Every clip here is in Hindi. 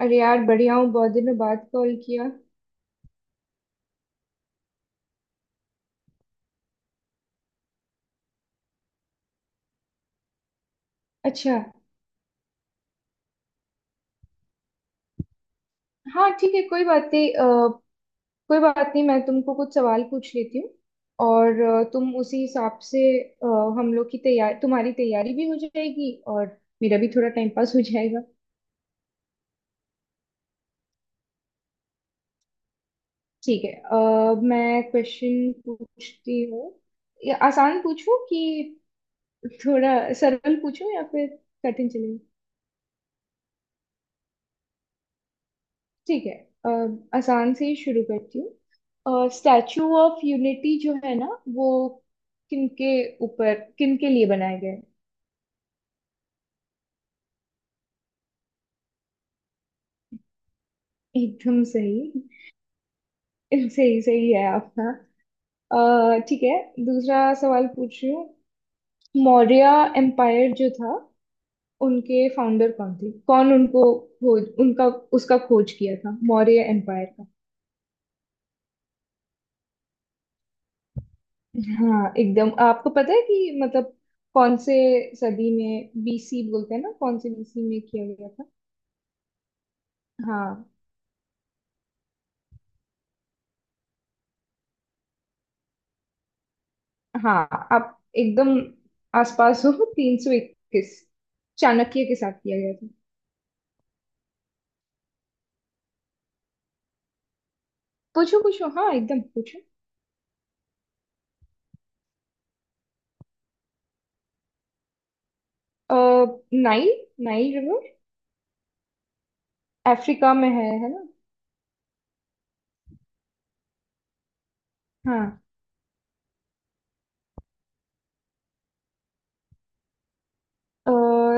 अरे यार बढ़िया हूँ। बहुत दिनों बाद कॉल किया। अच्छा। हाँ ठीक है कोई बात नहीं। मैं तुमको कुछ सवाल पूछ लेती हूँ और तुम उसी हिसाब से अ, हम लोग की तैयार तुम्हारी तैयारी भी हो जाएगी और मेरा भी थोड़ा टाइम पास हो जाएगा। ठीक है। मैं क्वेश्चन पूछती हूँ, या आसान पूछूं कि थोड़ा सरल पूछूं या फिर कठिन चलेगा। ठीक है। अ, आसान से ही शुरू करती हूँ। स्टैचू ऑफ यूनिटी जो है ना, वो किनके किनके लिए बनाया गया है। एकदम सही। सही सही है आपका। ठीक है। दूसरा सवाल पूछ रही हूँ। मौर्य एम्पायर जो था, उनके फाउंडर कौन थे, कौन उनको खोज उनका उसका खोज किया था मौर्य एम्पायर का। हाँ एकदम। आपको पता है कि मतलब कौन से सदी में, बीसी बोलते हैं ना, कौन से बीसी में किया गया था। हाँ हाँ, आप एकदम आसपास हो। 321 चाणक्य के साथ किया गया था। पूछो पूछो, हाँ एकदम पूछो। अ, नाइल। Nile river. अफ्रीका में है ना। हाँ,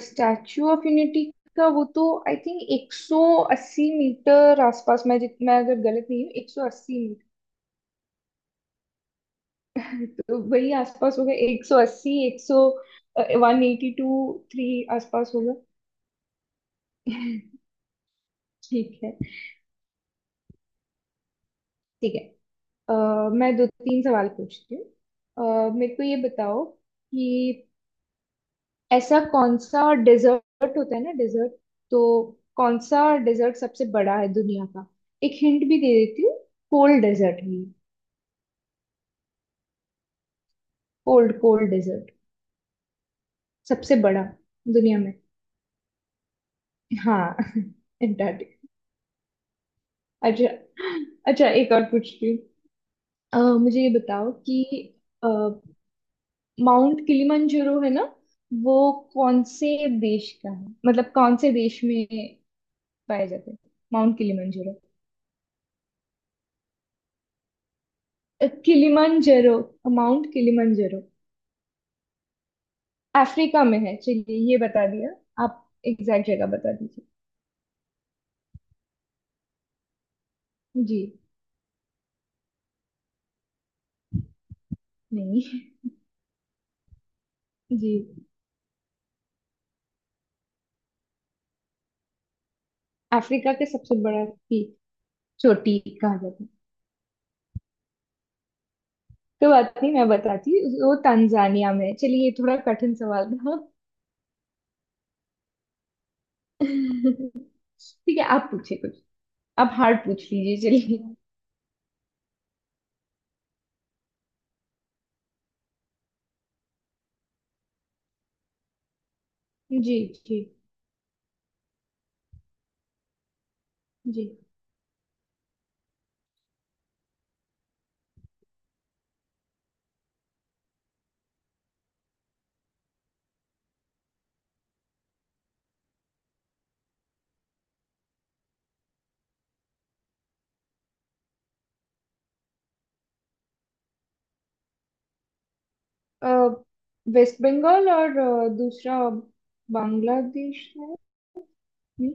स्टैचू ऑफ यूनिटी का वो तो आई थिंक 180 मीटर आसपास, मैं अगर गलत नहीं हूँ 180 मीटर, तो वही आसपास होगा 180, 100, 182, 3 आसपास होगा। ठीक है ठीक है। अ, मैं दो तीन सवाल पूछती हूँ। मेरे को ये बताओ कि ऐसा कौन सा डेजर्ट होता है ना, डेजर्ट। तो कौन सा डेजर्ट सबसे बड़ा है दुनिया का। एक हिंट भी दे देती हूँ, कोल्ड डेजर्ट है। कोल्ड कोल्ड डेजर्ट, सबसे बड़ा दुनिया में। हाँ। अंटार्कटिक। अच्छा। अच्छा, एक और पूछती हूँ। मुझे ये बताओ कि माउंट किलिमंजारो है ना, वो कौन से देश का है, मतलब कौन से देश में पाया जाता है माउंट किलिमंजारो। अ, किलिमंजारो माउंट किलिमंजारो अफ्रीका में है, चलिए ये बता दिया। आप एग्जैक्ट जगह बता दीजिए। जी नहीं। जी, अफ्रीका के सबसे बड़ा की चोटी कहा जाता है, तो बात नहीं, मैं बताती, वो तंजानिया में है। चलिए, ये थोड़ा कठिन सवाल था। ठीक है, आप पूछे कुछ। आप हार्ड पूछ लीजिए, चलिए। जी जी जी। अ, वेस्ट बंगाल, और दूसरा बांग्लादेश है। हम्म,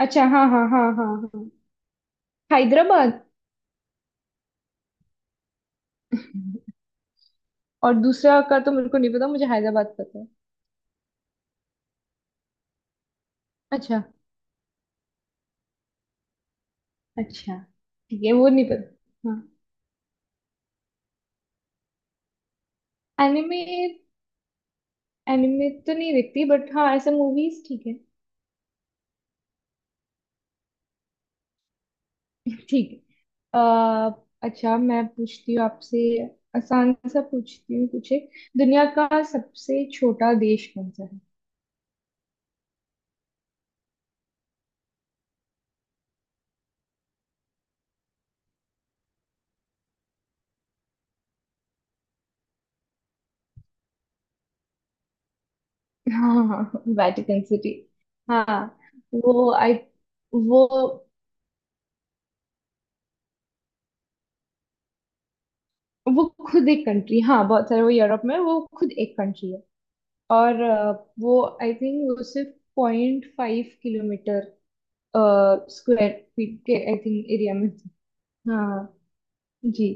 अच्छा। हाँ हाँ हाँ हाँ हाँ। हैदराबाद। और दूसरा का तो मेरे को नहीं पता, मुझे हैदराबाद पता है। अच्छा। अच्छा। ठीक है, वो नहीं पता। हाँ एनिमे। एनिमे तो नहीं देखती, बट हाँ ऐसे मूवीज ठीक है। ठीक है। अह, अच्छा, मैं पूछती हूँ आपसे। आसान सा पूछती हूँ कुछ एक। दुनिया का सबसे छोटा देश कौन सा है। हाँ वेटिकन सिटी। हाँ। वो आई वो वो खुद एक कंट्री। हाँ बहुत सारे, वो यूरोप में, वो खुद एक कंट्री है। और वो आई थिंक वो सिर्फ 0.5 किलोमीटर स्क्वायर फीट के आई थिंक एरिया में थी। हाँ। जी।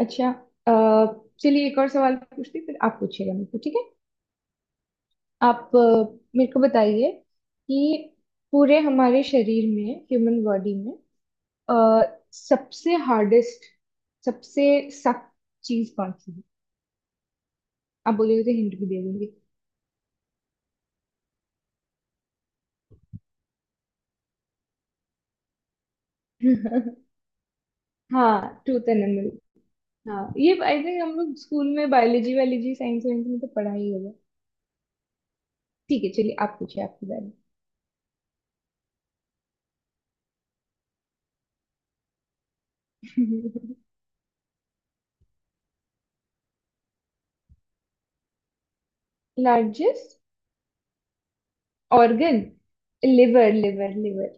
अच्छा। अ, चलिए एक और सवाल पूछती हूँ, फिर आप पूछिएगा मेरे को, ठीक है। आप मेरे को बताइए कि पूरे हमारे शरीर में, ह्यूमन बॉडी में, अ, सबसे हार्डेस्ट, सबसे सख्त चीज कौन सी है। आप बोलिए तो हिंट भी दे दूंगी। हाँ, ट्रूथ एंड एनमल। हाँ ये आई थिंक हम लोग स्कूल में बायोलॉजी वायोलॉजी, साइंस वाइंस में तो पढ़ा ही होगा। ठीक है, चलिए आप पूछिए आपके बारे में। Largest organ? Liver liver liver.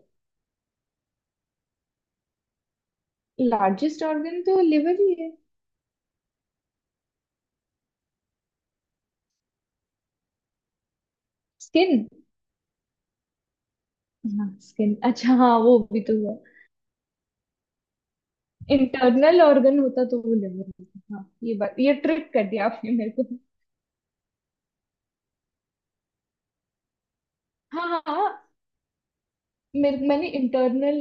Largest organ तो लिवर ही है। स्किन। हाँ स्किन, अच्छा हाँ वो भी तो हुआ। इंटरनल ऑर्गन होता तो वो लिवर होता। हाँ ये बात, ये ट्रिक कर दिया आपने मेरे को। हाँ हाँ हाँ, मेरे मैंने इंटरनल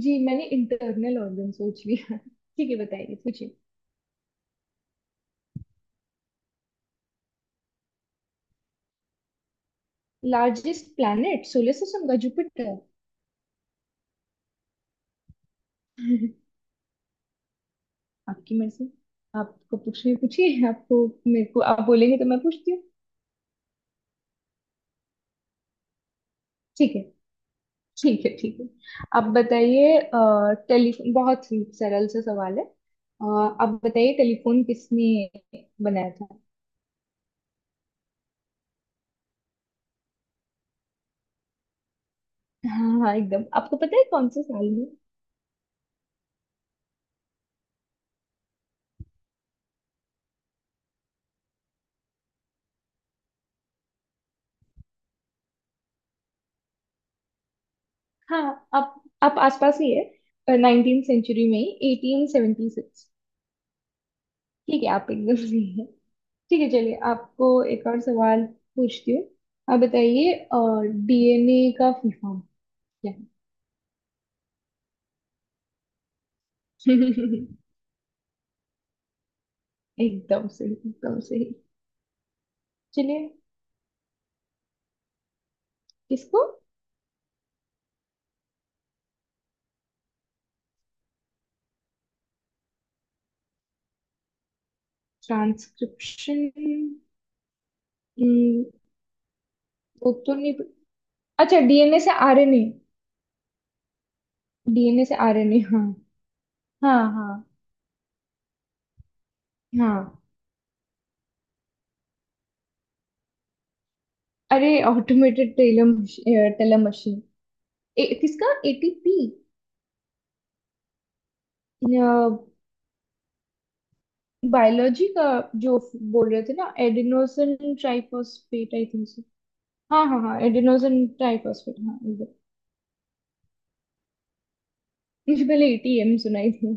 जी, मैंने इंटरनल ऑर्गन सोच लिया। ठीक है, बताइए, पूछिए। लार्जेस्ट प्लैनेट सोलर सिस्टम का जुपिटर। आपकी मर्जी। आपको पूछिए, पूछिए आपको। मेरे को आप बोलेंगे तो मैं पूछती हूँ। ठीक है ठीक है ठीक है। आप बताइए टेलीफोन, बहुत ही सरल सा सवाल है। आप बताइए टेलीफोन किसने बनाया था। हाँ हाँ एकदम। आपको पता है कौन से साल में? हाँ आप आप आसपास ही है, नाइनटीन सेंचुरी में ही, 1876। ठीक है आप एकदम सही है। ठीक है चलिए, आपको एक और सवाल पूछती हूँ। आप बताइए डीएनए का फुल फॉर्म क्या है। एकदम सही एकदम सही। चलिए इसको, ट्रांसक्रिप्शन? वो तो नहीं। अच्छा, डीएनए से आरएनए। डीएनए से आरएनए, हाँ। हाँ हाँ हाँ। अरे, ऑटोमेटेड टेलर टेलर मशीन। किसका एटीपी? बायोलॉजी का जो बोल रहे थे ना, adenosine triphosphate I think so. हाँ हाँ हाँ, एडिनोसिन ट्राइफॉस्फेट। हाँ, इधर मुझे पहले एटीएम सुनाई थी।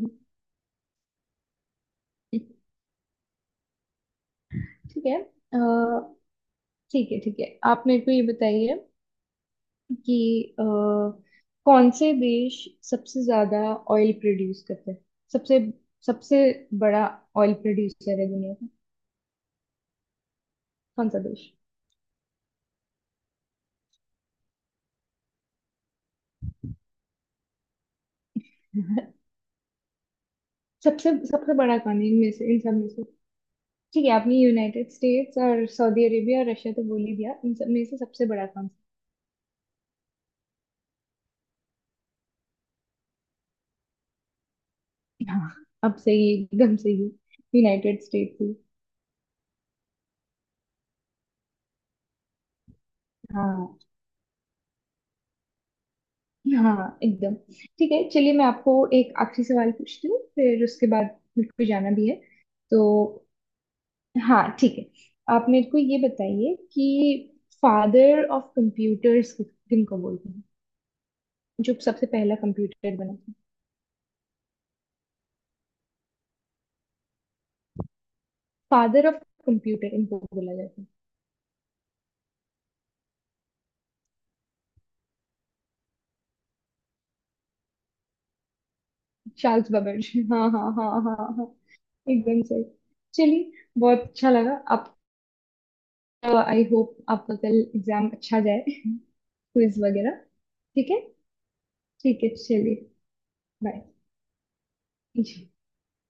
ठीक है। अ, ठीक है ठीक है। आप मेरे को ये बताइए कि कौन से देश सबसे ज्यादा ऑयल प्रोड्यूस करते हैं। सबसे सबसे बड़ा ऑयल प्रोड्यूसर है दुनिया का, कौन सा देश। सबसे सबसे बड़ा कौन है इनमें से इन सब में से। ठीक है, आपने यूनाइटेड स्टेट्स और सऊदी अरेबिया और रशिया तो बोल ही दिया, इन सब में से सबसे बड़ा कौन सा। हाँ अब सही एकदम सही, यूनाइटेड स्टेट्स ही। हाँ हाँ एकदम। ठीक है चलिए, मैं आपको एक आखिरी सवाल पूछती हूँ, फिर उसके बाद मेरे को जाना भी है तो। हाँ ठीक है। आप मेरे को ये बताइए कि फादर ऑफ कंप्यूटर्स किनको बोलते हैं, जो सबसे पहला कंप्यूटर बना था। फादर ऑफ कंप्यूटर इनको बोला जाता है। चार्ल्स बेबेज, हाँ हाँ हाँ हाँ हाँ एकदम सही। चलिए, बहुत अच्छा लगा आप। आई होप आपका कल एग्जाम अच्छा जाए, क्विज वगैरह। ठीक है। ठीक है चलिए, बाय।